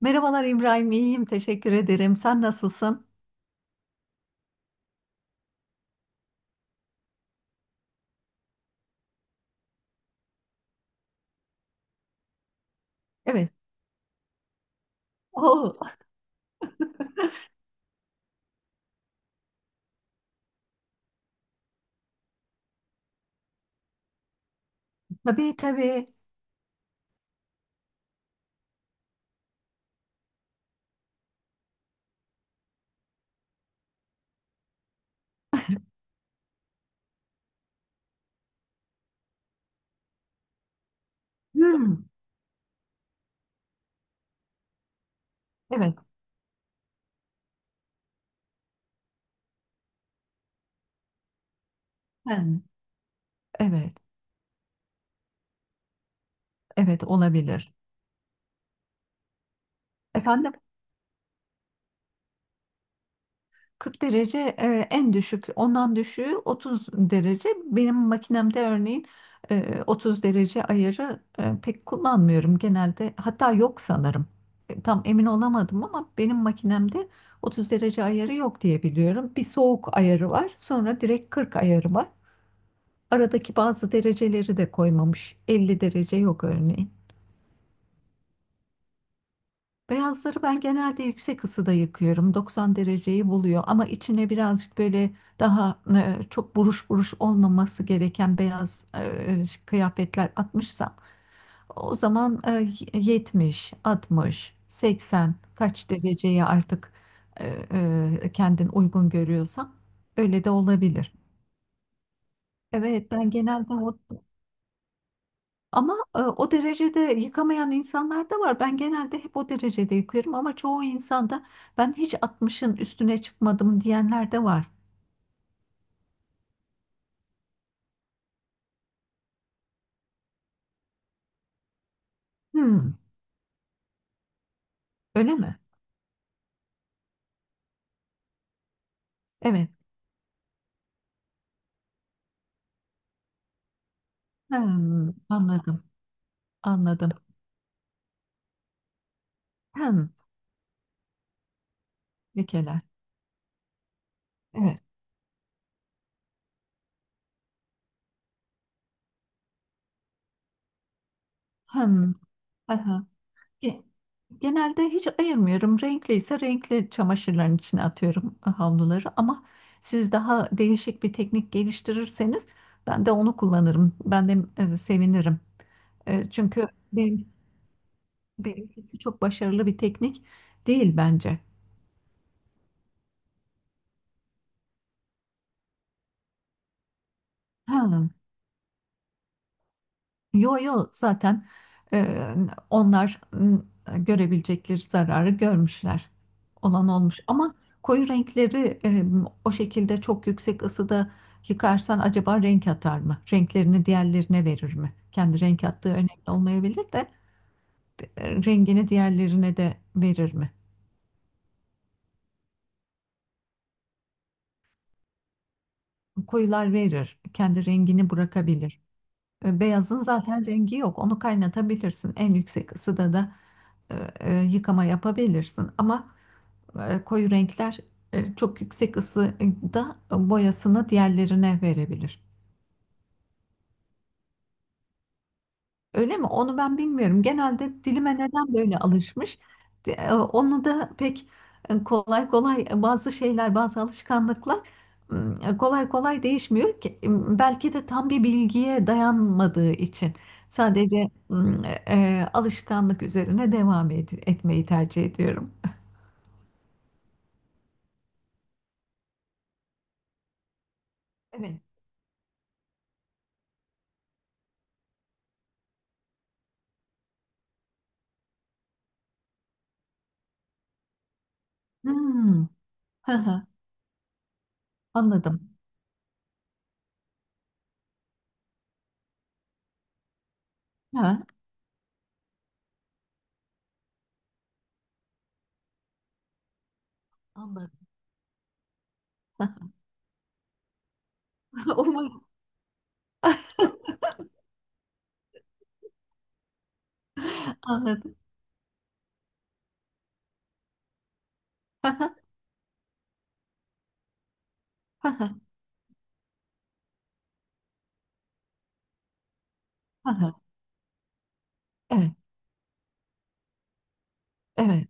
Merhabalar İbrahim, iyiyim. Teşekkür ederim. Sen nasılsın? Evet. Oo. Tabii, tabii. Hmm. Evet. Ben. Evet. Evet olabilir. Efendim, 40 derece en düşük. Ondan düşüğü 30 derece. Benim makinemde örneğin 30 derece ayarı pek kullanmıyorum genelde. Hatta yok sanırım. Tam emin olamadım ama benim makinemde 30 derece ayarı yok diye biliyorum. Bir soğuk ayarı var. Sonra direkt 40 ayarı var. Aradaki bazı dereceleri de koymamış. 50 derece yok örneğin. Beyazları ben genelde yüksek ısıda yıkıyorum. 90 dereceyi buluyor ama içine birazcık böyle daha çok buruş buruş olmaması gereken beyaz kıyafetler atmışsam o zaman 70, 60, 80, kaç dereceye artık e, kendin uygun görüyorsan öyle de olabilir. Evet, ben genelde o. Ama o derecede yıkamayan insanlar da var. Ben genelde hep o derecede yıkıyorum ama çoğu insanda ben hiç 60'ın üstüne çıkmadım diyenler de var. Hmm, öyle mi? Evet. Hmm, anladım. Anladım. Hem lekeler. Evet. Hmm, aha. Ge- Genelde hiç ayırmıyorum. Renkli ise renkli çamaşırların içine atıyorum havluları ama siz daha değişik bir teknik geliştirirseniz ben de onu kullanırım. Ben de sevinirim. Çünkü benim, benimkisi çok başarılı bir teknik değil bence. Ha. Yo, yo, zaten e, onlar görebilecekleri zararı görmüşler. Olan olmuş ama koyu renkleri o şekilde çok yüksek ısıda yıkarsan acaba renk atar mı? Renklerini diğerlerine verir mi? Kendi renk attığı önemli olmayabilir de rengini diğerlerine de verir mi? Koyular verir, kendi rengini bırakabilir. Beyazın zaten rengi yok. Onu kaynatabilirsin. En yüksek ısıda da e, yıkama yapabilirsin. Ama koyu renkler çok yüksek ısıda boyasını diğerlerine verebilir. Öyle mi? Onu ben bilmiyorum. Genelde dilime neden böyle alışmış? Onu da pek kolay kolay bazı şeyler, bazı alışkanlıklar m, kolay kolay değişmiyor ki. Belki de tam bir bilgiye dayanmadığı için sadece alışkanlık üzerine devam etmeyi tercih ediyorum. Evet. Hmm. Hı hı. Anladım. Ha, anladım. Umarım. Anladım. Evet, evet.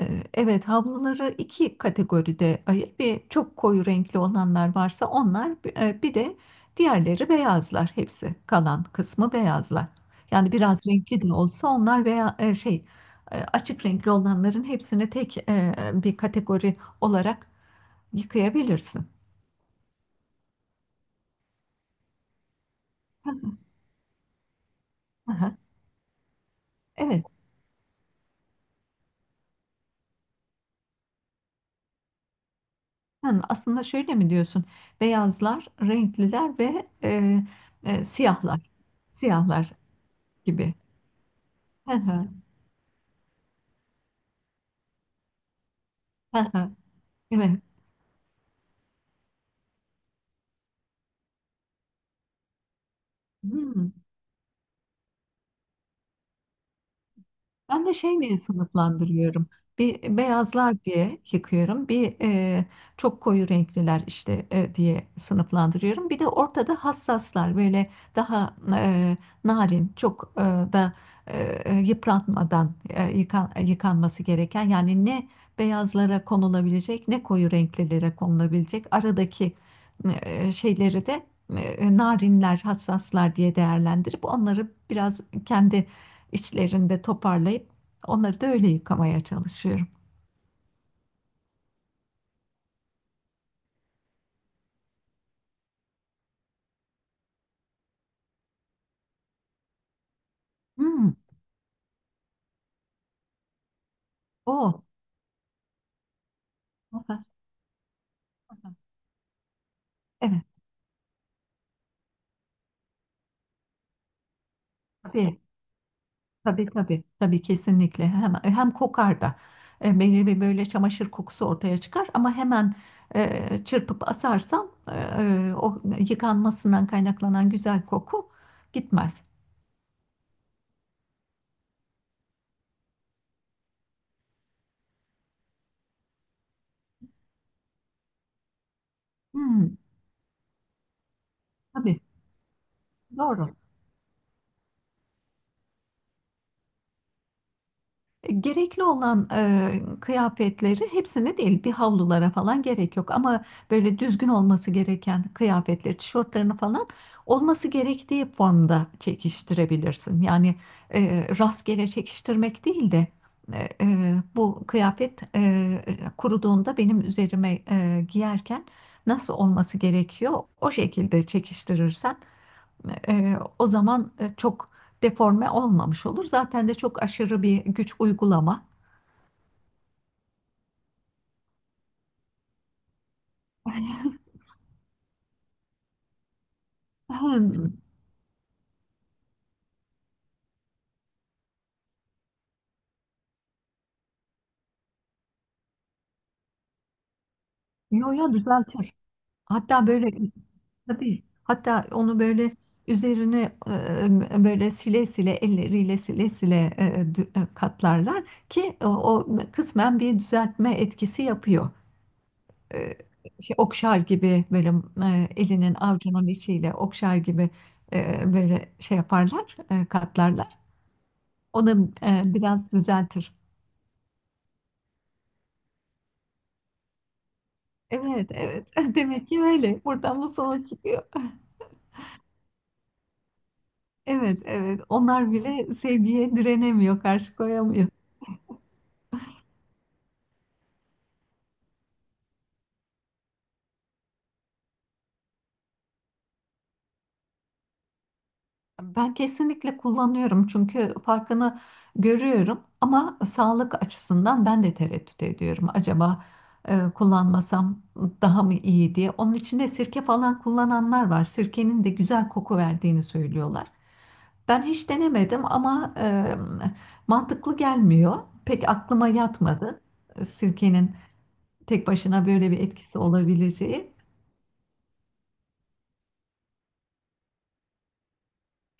Evet, havluları iki kategoride ayır. Bir çok koyu renkli olanlar varsa onlar, bir de diğerleri beyazlar. Hepsi kalan kısmı beyazlar. Yani biraz renkli de olsa onlar veya şey, açık renkli olanların hepsini tek bir kategori olarak yıkayabilirsin. Aha, evet. Hı, aslında şöyle mi diyorsun? Beyazlar, renkliler ve siyahlar, siyahlar gibi. Hı hı, hı hı, evet. Hmm. Ben de şey diye sınıflandırıyorum. Bir, beyazlar diye yıkıyorum. Bir çok koyu renkliler işte diye sınıflandırıyorum. Bir de ortada hassaslar böyle daha narin, çok da e, yıpratmadan yıkanması gereken, yani ne beyazlara konulabilecek ne koyu renklilere konulabilecek aradaki şeyleri de narinler, hassaslar diye değerlendirip onları biraz kendi içlerinde toparlayıp onları da öyle yıkamaya çalışıyorum. Hmm, o. o da- o da- evet, tabii, tabii, tabii, tabii kesinlikle. Hem kokar da. Belirli bir böyle çamaşır kokusu ortaya çıkar ama hemen çırpıp asarsam o yıkanmasından kaynaklanan güzel koku gitmez. Hmm, tabii, doğru. Gerekli olan kıyafetleri hepsini değil, bir havlulara falan gerek yok ama böyle düzgün olması gereken kıyafetleri, tişörtlerini falan olması gerektiği formda çekiştirebilirsin. Yani rastgele çekiştirmek değil de bu kıyafet kuruduğunda benim üzerime giyerken nasıl olması gerekiyor, o şekilde çekiştirirsen o zaman çok deforme olmamış olur. Zaten de çok aşırı bir güç uygulama. Hmm. Yo, yo, düzeltir. Hatta böyle, tabii, hatta onu böyle üzerine böyle sile sile, elleriyle sile sile katlarlar ki o kısmen bir düzeltme etkisi yapıyor. E, Şey, okşar gibi, böyle elinin avucunun içiyle okşar gibi böyle şey yaparlar, katlarlar. O da biraz düzeltir. Evet, evet. Demek ki öyle. Buradan bu sonuç çıkıyor. Evet, evet. Onlar bile sevgiye direnemiyor, karşı koyamıyor. Ben kesinlikle kullanıyorum çünkü farkını görüyorum, ama sağlık açısından ben de tereddüt ediyorum. Acaba kullanmasam daha mı iyi diye. Onun içinde sirke falan kullananlar var. Sirkenin de güzel koku verdiğini söylüyorlar. Ben hiç denemedim ama mantıklı gelmiyor. Pek aklıma yatmadı. Sirkenin tek başına böyle bir etkisi olabileceği.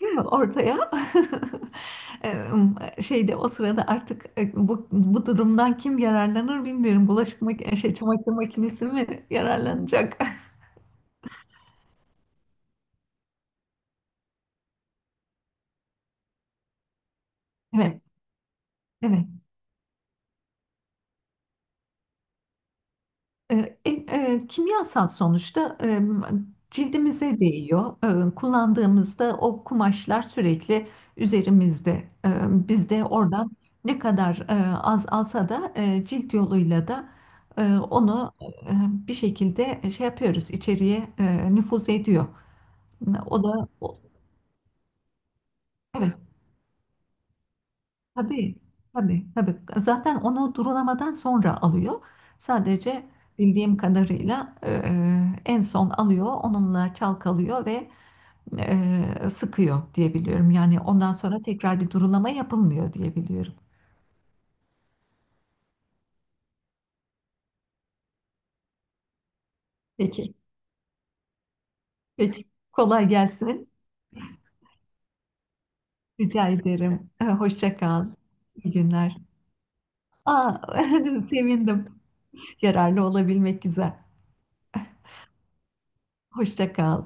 Değil mi? Ortaya. Şeyde, o sırada artık bu durumdan kim yararlanır bilmiyorum. Bulaşık makinesi, şey, çamaşır makinesi mi yararlanacak? Evet, evet. E, e, Kimyasal sonuçta cildimize değiyor. Kullandığımızda o kumaşlar sürekli üzerimizde. E, Biz de oradan ne kadar az alsa da cilt yoluyla da onu bir şekilde şey yapıyoruz, içeriye nüfuz ediyor. O da tabii, tabii, tabii. Zaten onu durulamadan sonra alıyor. Sadece bildiğim kadarıyla en son alıyor, onunla çalkalıyor ve sıkıyor diye biliyorum. Yani ondan sonra tekrar bir durulama yapılmıyor diye biliyorum. Peki, peki. Kolay gelsin. Rica ederim. Hoşça kal. İyi günler. Aa, sevindim. Yararlı olabilmek güzel. Hoşça kal.